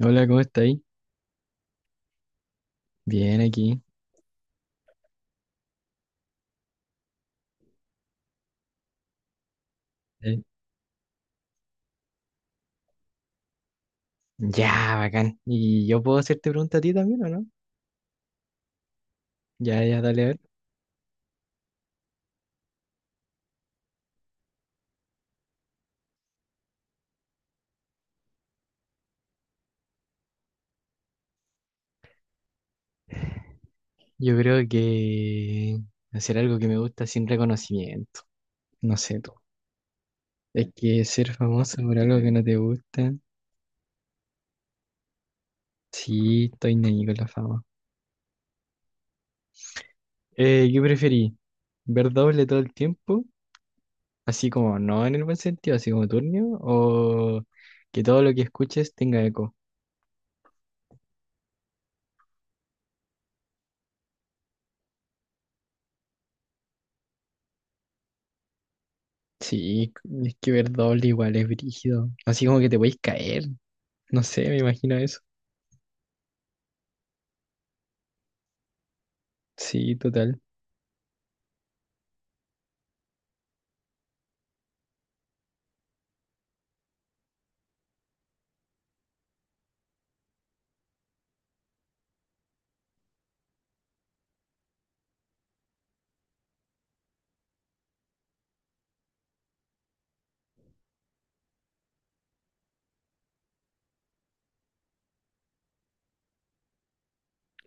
Hola, ¿cómo estáis? Bien, aquí. Eh, Ya, bacán. ¿Y yo puedo hacerte pregunta a ti también o no? Ya, ya, dale, a ver. Yo creo que hacer algo que me gusta sin reconocimiento. No sé tú. Es que ser famoso por algo que no te gusta. Sí, estoy ahí con la fama. ¿Qué preferí? ¿Ver doble todo el tiempo? Así como no en el buen sentido, así como turnio. ¿O que todo lo que escuches tenga eco? Sí, es que ver doble igual es brígido. Así como que te podéis caer. No sé, me imagino eso. Sí, total.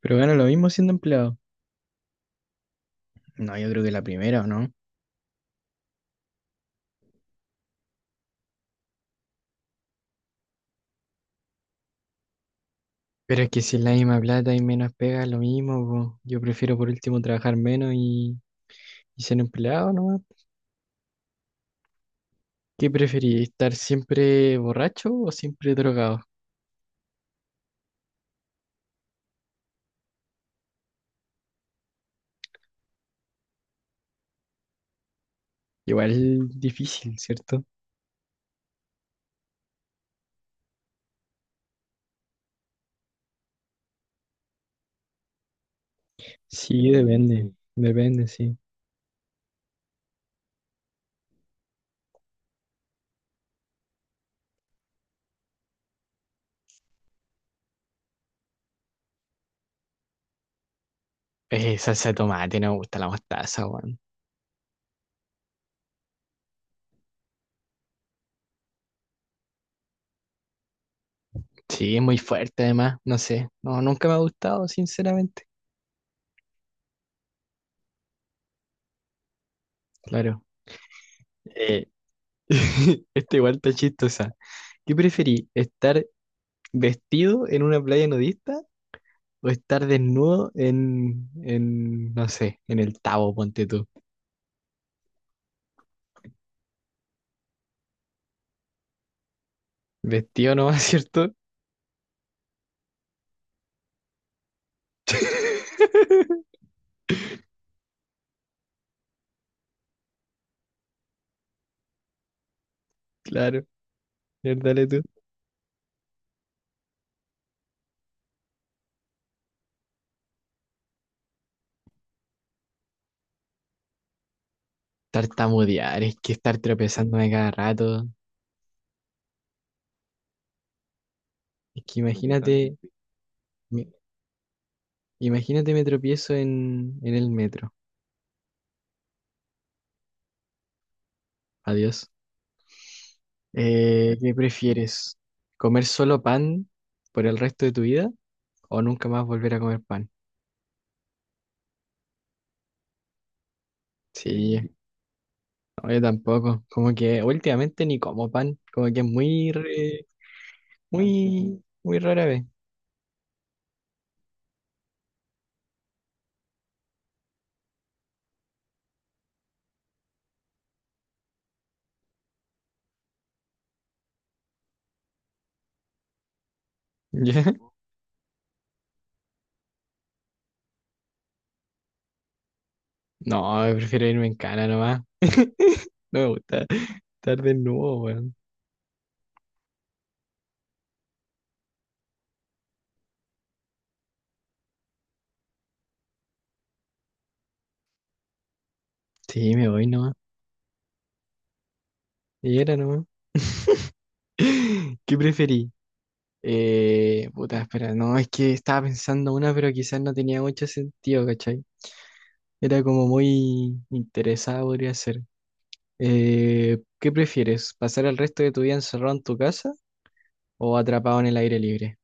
Pero gano lo mismo siendo empleado. No, yo creo que la primera, ¿o no? Pero es que si es la misma plata y menos pega, lo mismo, po. Yo prefiero por último trabajar menos y ser empleado, ¿no? ¿Qué preferís? ¿Estar siempre borracho o siempre drogado? Igual difícil, ¿cierto? Sí, depende. Depende, sí. Salsa de tomate, no me gusta la mostaza, weón. Sí, es muy fuerte además, no sé. No, nunca me ha gustado, sinceramente. Claro. Eh, Esta igual está chistosa. ¿Qué preferí? ¿Estar vestido en una playa nudista o estar desnudo no sé, en el Tabo, ponte tú? Vestido nomás, ¿cierto? Claro, ya, dale tú. Tartamudear, es que estar tropezándome cada rato. Es que imagínate, me- imagínate me tropiezo en el metro. Adiós. ¿Qué prefieres? ¿Comer solo pan por el resto de tu vida o nunca más volver a comer pan? Sí, no, yo tampoco. Como que últimamente ni como pan. Como que es muy, muy, muy rara vez. ¿Ya? No, prefiero irme en cana nomás. No me gusta estar desnudo, weón. Sí, me voy nomás. Y era nomás. ¿Qué preferí? Puta, espera, no, es que estaba pensando una, pero quizás no tenía mucho sentido, ¿cachai? Era como muy interesada, podría ser. ¿Qué prefieres? ¿Pasar el resto de tu vida encerrado en tu casa o atrapado en el aire libre?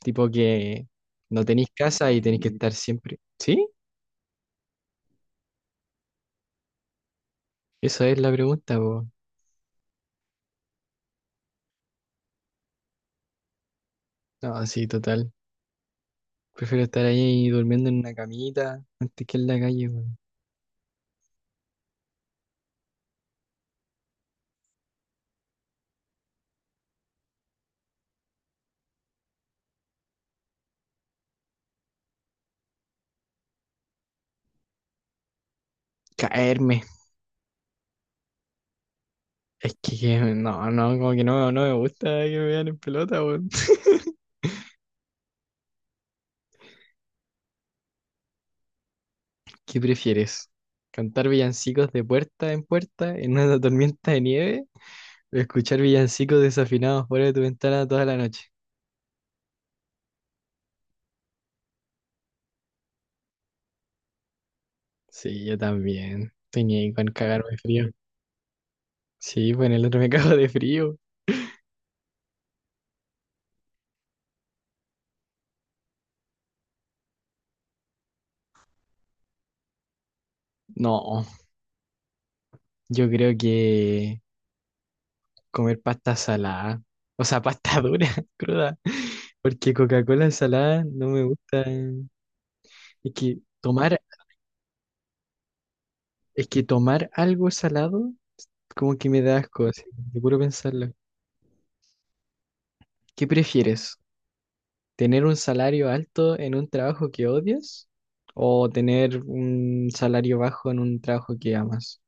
Tipo que no tenéis casa y tenéis que estar siempre. ¿Sí? Esa es la pregunta, po. No, sí, total. Prefiero estar ahí durmiendo en una camita antes que en la calle, weón. Caerme. Es que no, no, como que no, no me gusta que me vean en pelota, weón. ¿Qué prefieres? ¿Cantar villancicos de puerta en puerta en una tormenta de nieve? ¿O escuchar villancicos desafinados fuera de tu ventana toda la noche? Sí, yo también. Tenía ahí con cagarme de frío. Sí, bueno, el otro me cago de frío. No, yo creo que comer pasta salada, o sea, pasta dura, cruda, porque Coca-Cola salada no me gusta. Es que tomar, es que tomar algo salado como que me da asco, así, te juro pensarlo. ¿Qué prefieres? ¿Tener un salario alto en un trabajo que odias o tener un salario bajo en un trabajo que amas?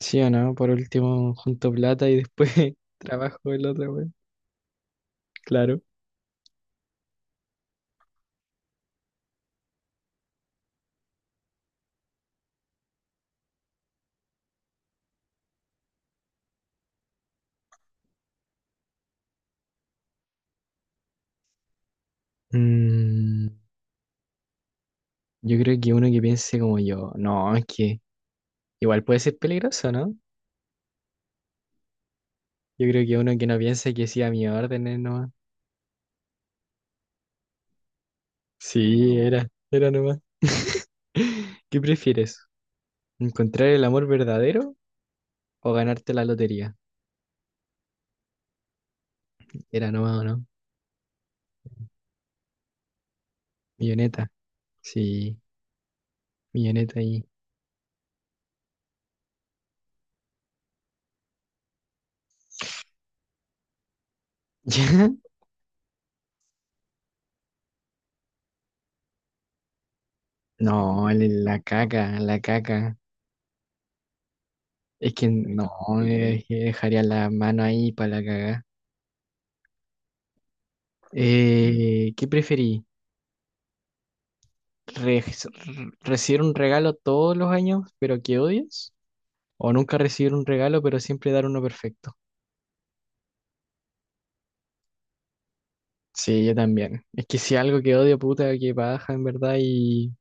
¿Sí o no? Por último, junto plata y después trabajo el otro, güey. Claro. Mm, yo creo que uno que piense como yo, no, es que igual puede ser peligroso, ¿no? Yo creo que uno que no piense que sí a mi orden es nomás. Sí, no, era, era nomás. ¿Qué prefieres? ¿Encontrar el amor verdadero o ganarte la lotería? Era nomás, ¿o no? Milloneta, sí, milloneta ahí. ¿Ya? No, la caca, la caca. Es que no, sí, que dejaría la mano ahí para la caga. Mm. ¿Qué preferí re- recibir un regalo todos los años, pero que odias? ¿O nunca recibir un regalo, pero siempre dar uno perfecto? Sí, yo también. Es que si algo que odio, puta, que baja en verdad y...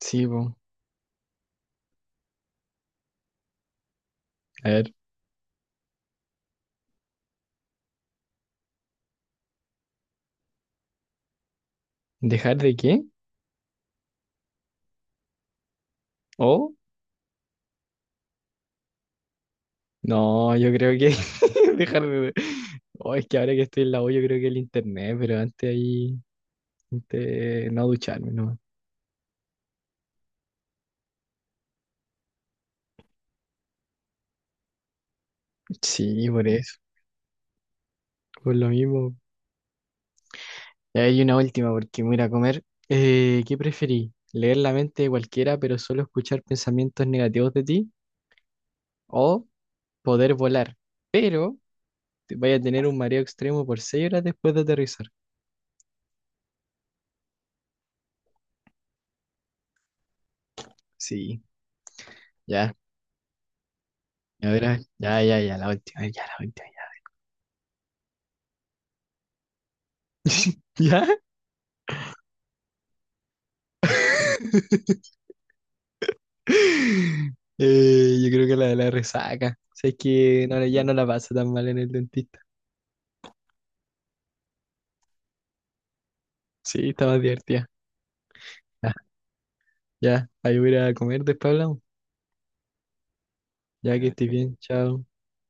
Sí, po. A ver, ¿dejar de qué? ¿O? No, yo creo que dejar de... Oh, es que ahora que estoy en la U, yo creo que el internet, pero antes ahí... antes no ducharme, no. Sí, por eso. Por lo mismo. Y hay una última porque me voy a ir a comer. ¿Qué preferí? ¿Leer la mente de cualquiera, pero solo escuchar pensamientos negativos de ti? ¿O poder volar, pero te vaya a tener un mareo extremo por 6 horas después de aterrizar? Sí, ya. A ver, a ya, ya, ya, la última, ya, la última, ya. ¿Ya? Yo creo que la de la resaca. O sea, es que no, ya no la paso tan mal en el dentista. Sí, está más divertida. Ya, ya. Ahí voy a ir a comer, después hablamos. Ya que ya, estés bien, chao.